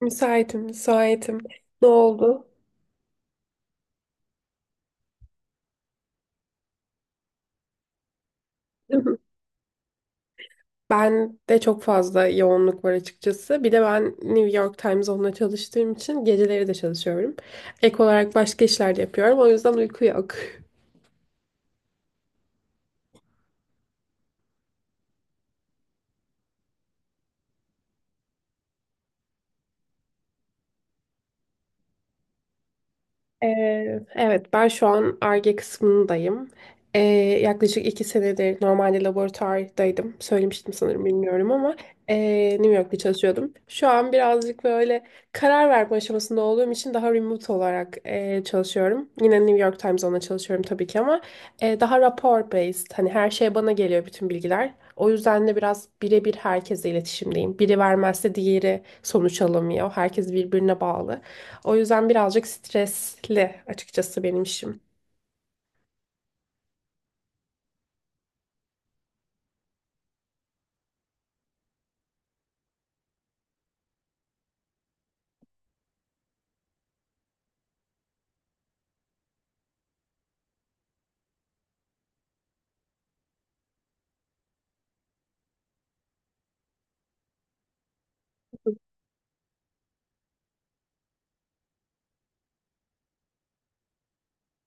Müsaitim, müsaitim. Ne oldu? Ben de çok fazla yoğunluk var açıkçası. Bir de ben New York Times onunla çalıştığım için geceleri de çalışıyorum. Ek olarak başka işler de yapıyorum. O yüzden uyku yok. Ee, Evet, ben şu an Ar-Ge kısmındayım. Ee, yaklaşık iki senedir normalde laboratuvardaydım. Söylemiştim sanırım bilmiyorum ama ee, New York'ta çalışıyordum. Şu an birazcık böyle karar verme aşamasında olduğum için daha remote olarak çalışıyorum. Yine New York Times'da çalışıyorum tabii ki ama daha rapor based. Hani her şey bana geliyor bütün bilgiler. O yüzden de biraz birebir herkesle iletişimdeyim. Biri vermezse diğeri sonuç alamıyor. Herkes birbirine bağlı. O yüzden birazcık stresli açıkçası benim işim.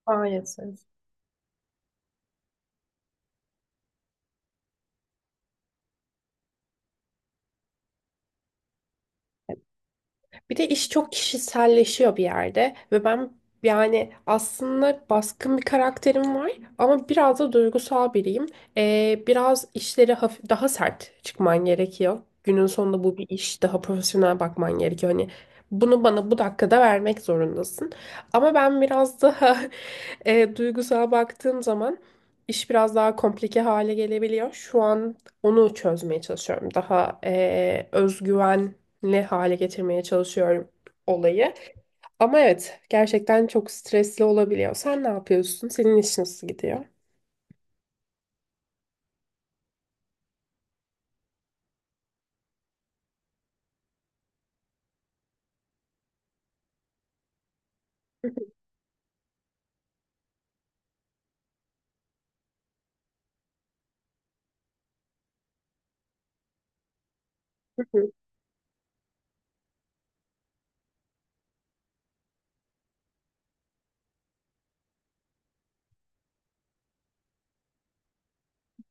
Maalesef. Bir de iş çok kişiselleşiyor bir yerde ve ben yani aslında baskın bir karakterim var ama biraz da duygusal biriyim. Biraz işleri hafif, daha sert çıkman gerekiyor. Günün sonunda bu bir iş, daha profesyonel bakman gerekiyor. Hani bunu bana bu dakikada vermek zorundasın. Ama ben biraz daha duygusal baktığım zaman iş biraz daha komplike hale gelebiliyor. Şu an onu çözmeye çalışıyorum. Daha özgüven ne hale getirmeye çalışıyorum olayı. Ama evet gerçekten çok stresli olabiliyor. Sen ne yapıyorsun? Senin iş nasıl gidiyor?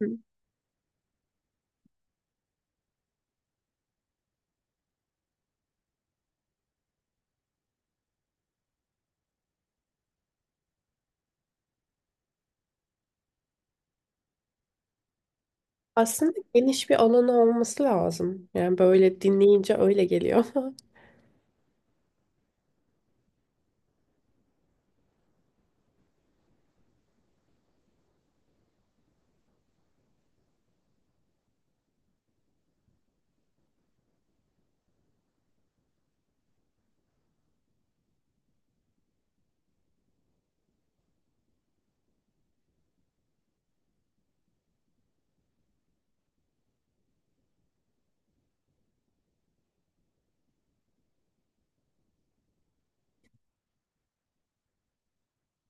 Aslında geniş bir alanı olması lazım. Yani böyle dinleyince öyle geliyor ama.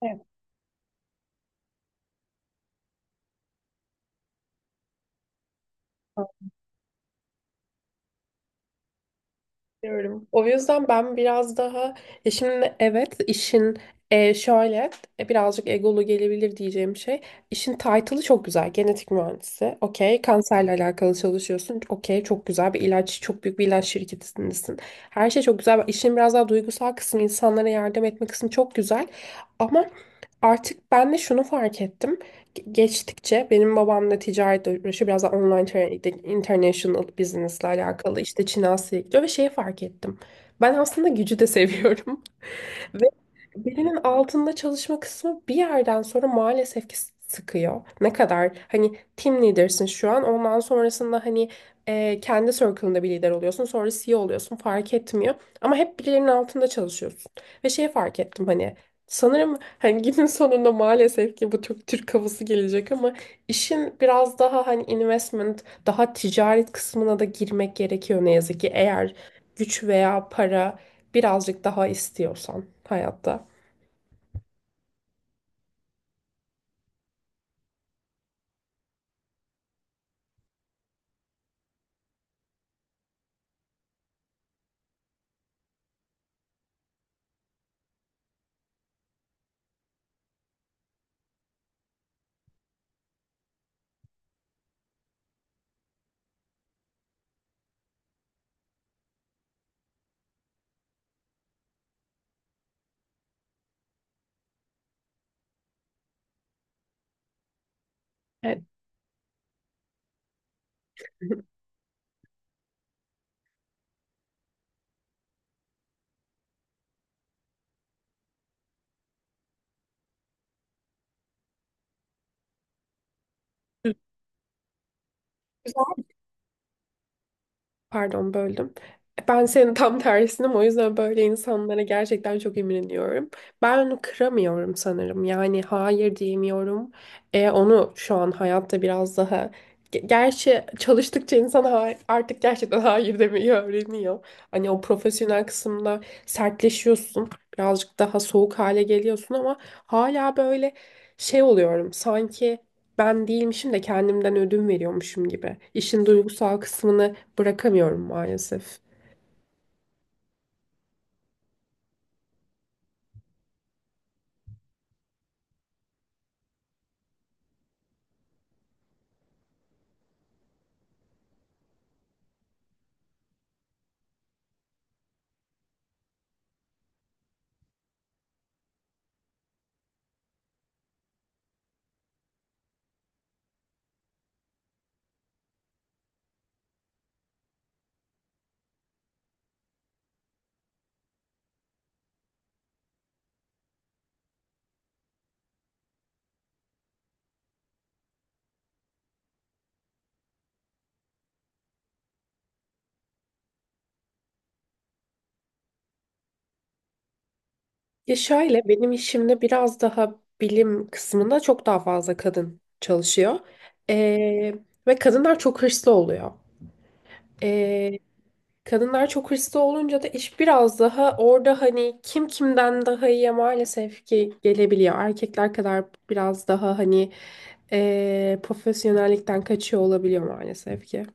Evet. Diyorum. O yüzden ben biraz daha ya şimdi evet işin e, şöyle birazcık egolu gelebilir diyeceğim şey. İşin title'ı çok güzel. Genetik mühendisi. Okey. Kanserle alakalı çalışıyorsun. Okey. Çok güzel bir ilaç. Çok büyük bir ilaç şirketindesin. Her şey çok güzel. İşin biraz daha duygusal kısmı, insanlara yardım etme kısmı çok güzel. Ama artık ben de şunu fark ettim geçtikçe benim babam da ticaretle uğraşıyor. Biraz da online international business'la alakalı işte Çin Asya'ya gidiyor ve şeyi fark ettim. Ben aslında gücü de seviyorum. Ve birinin altında çalışma kısmı bir yerden sonra maalesef ki sıkıyor. Ne kadar hani team leader'sın şu an ondan sonrasında hani kendi circle'ında bir lider oluyorsun sonra CEO oluyorsun fark etmiyor. Ama hep birilerinin altında çalışıyorsun. Ve şeyi fark ettim hani sanırım hani günün sonunda maalesef ki bu çok Türk havası gelecek ama İşin biraz daha hani investment, daha ticaret kısmına da girmek gerekiyor ne yazık ki eğer güç veya para birazcık daha istiyorsan hayatta. Evet. Pardon böldüm. Ben senin tam tersinim o yüzden böyle insanlara gerçekten çok imreniyorum. Ben onu kıramıyorum sanırım. Yani hayır diyemiyorum. Onu şu an hayatta biraz daha... Gerçi çalıştıkça insan artık gerçekten hayır demeyi öğreniyor. Hani o profesyonel kısımda sertleşiyorsun. Birazcık daha soğuk hale geliyorsun ama hala böyle şey oluyorum. Sanki ben değilmişim de kendimden ödün veriyormuşum gibi. İşin duygusal kısmını bırakamıyorum maalesef. Ya şöyle benim işimde biraz daha bilim kısmında çok daha fazla kadın çalışıyor. Ee, ve kadınlar çok hırslı oluyor. Ee, kadınlar çok hırslı olunca da iş biraz daha orada hani kim kimden daha iyiye maalesef ki gelebiliyor. Erkekler kadar biraz daha hani profesyonellikten kaçıyor olabiliyor maalesef ki.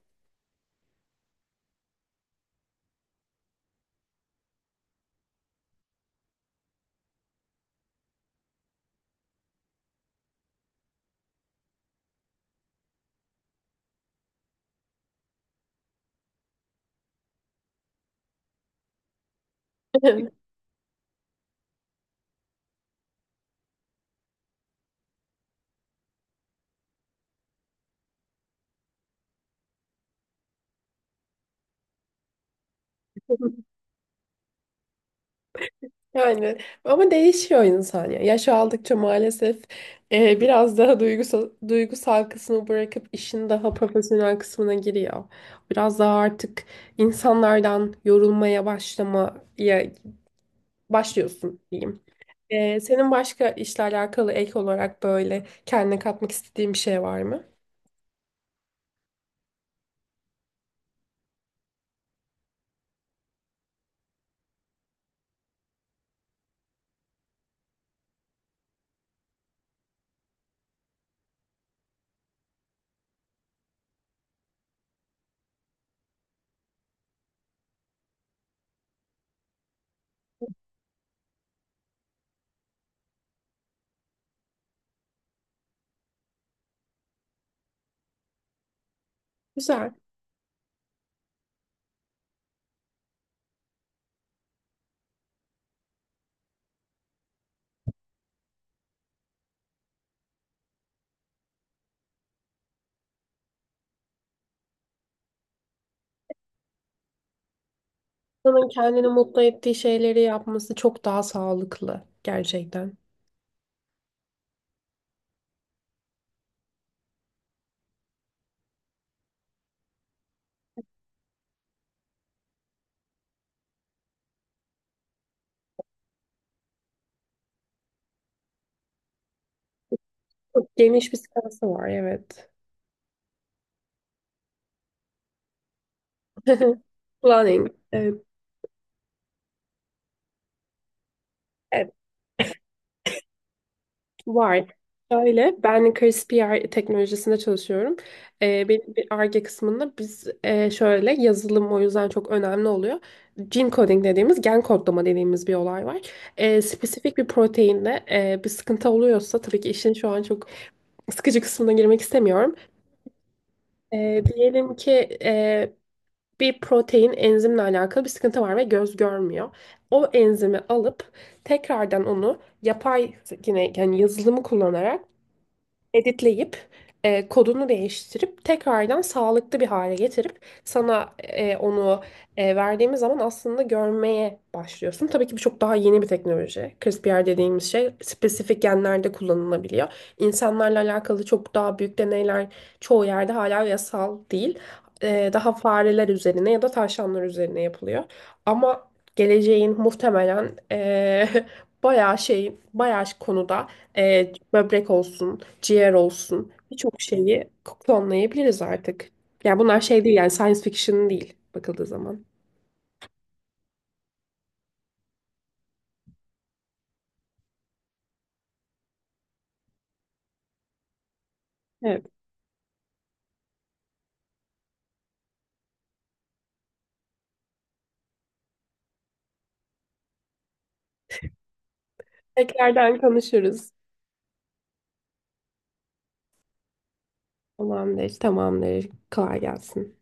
Yani ama değişiyor insan ya. Yaş aldıkça maalesef biraz daha duygusal kısmı bırakıp işin daha profesyonel kısmına giriyor. Biraz daha artık insanlardan yorulmaya başlamaya başlıyorsun diyeyim. E, senin başka işle alakalı ek olarak böyle kendine katmak istediğin bir şey var mı? Güzel. İnsanın kendini mutlu ettiği şeyleri yapması çok daha sağlıklı gerçekten. Çok geniş bir skalası var evet. Planning. Evet. Var. Öyle. Ben Kriz PR teknolojisinde çalışıyorum. Benim bir Ar-Ge kısmında biz şöyle yazılım o yüzden çok önemli oluyor. Gene coding dediğimiz gen kodlama dediğimiz bir olay var. Spesifik bir proteinde bir sıkıntı oluyorsa tabii ki işin şu an çok sıkıcı kısmına girmek istemiyorum. Diyelim ki e, bir protein enzimle alakalı bir sıkıntı var ve göz görmüyor. O enzimi alıp tekrardan onu yapay yine yani yazılımı kullanarak editleyip kodunu değiştirip tekrardan sağlıklı bir hale getirip sana onu verdiğimiz zaman aslında görmeye başlıyorsun. Tabii ki bu çok daha yeni bir teknoloji. CRISPR dediğimiz şey spesifik genlerde kullanılabiliyor. İnsanlarla alakalı çok daha büyük deneyler çoğu yerde hala yasal değil. E, daha fareler üzerine ya da tavşanlar üzerine yapılıyor. Ama geleceğin muhtemelen bayağı konuda böbrek olsun, ciğer olsun birçok şeyi klonlayabiliriz artık. Yani bunlar şey değil yani science fiction değil bakıldığı zaman. Evet. Tekrardan konuşuruz. Tamamdır, tamamdır. Kolay gelsin.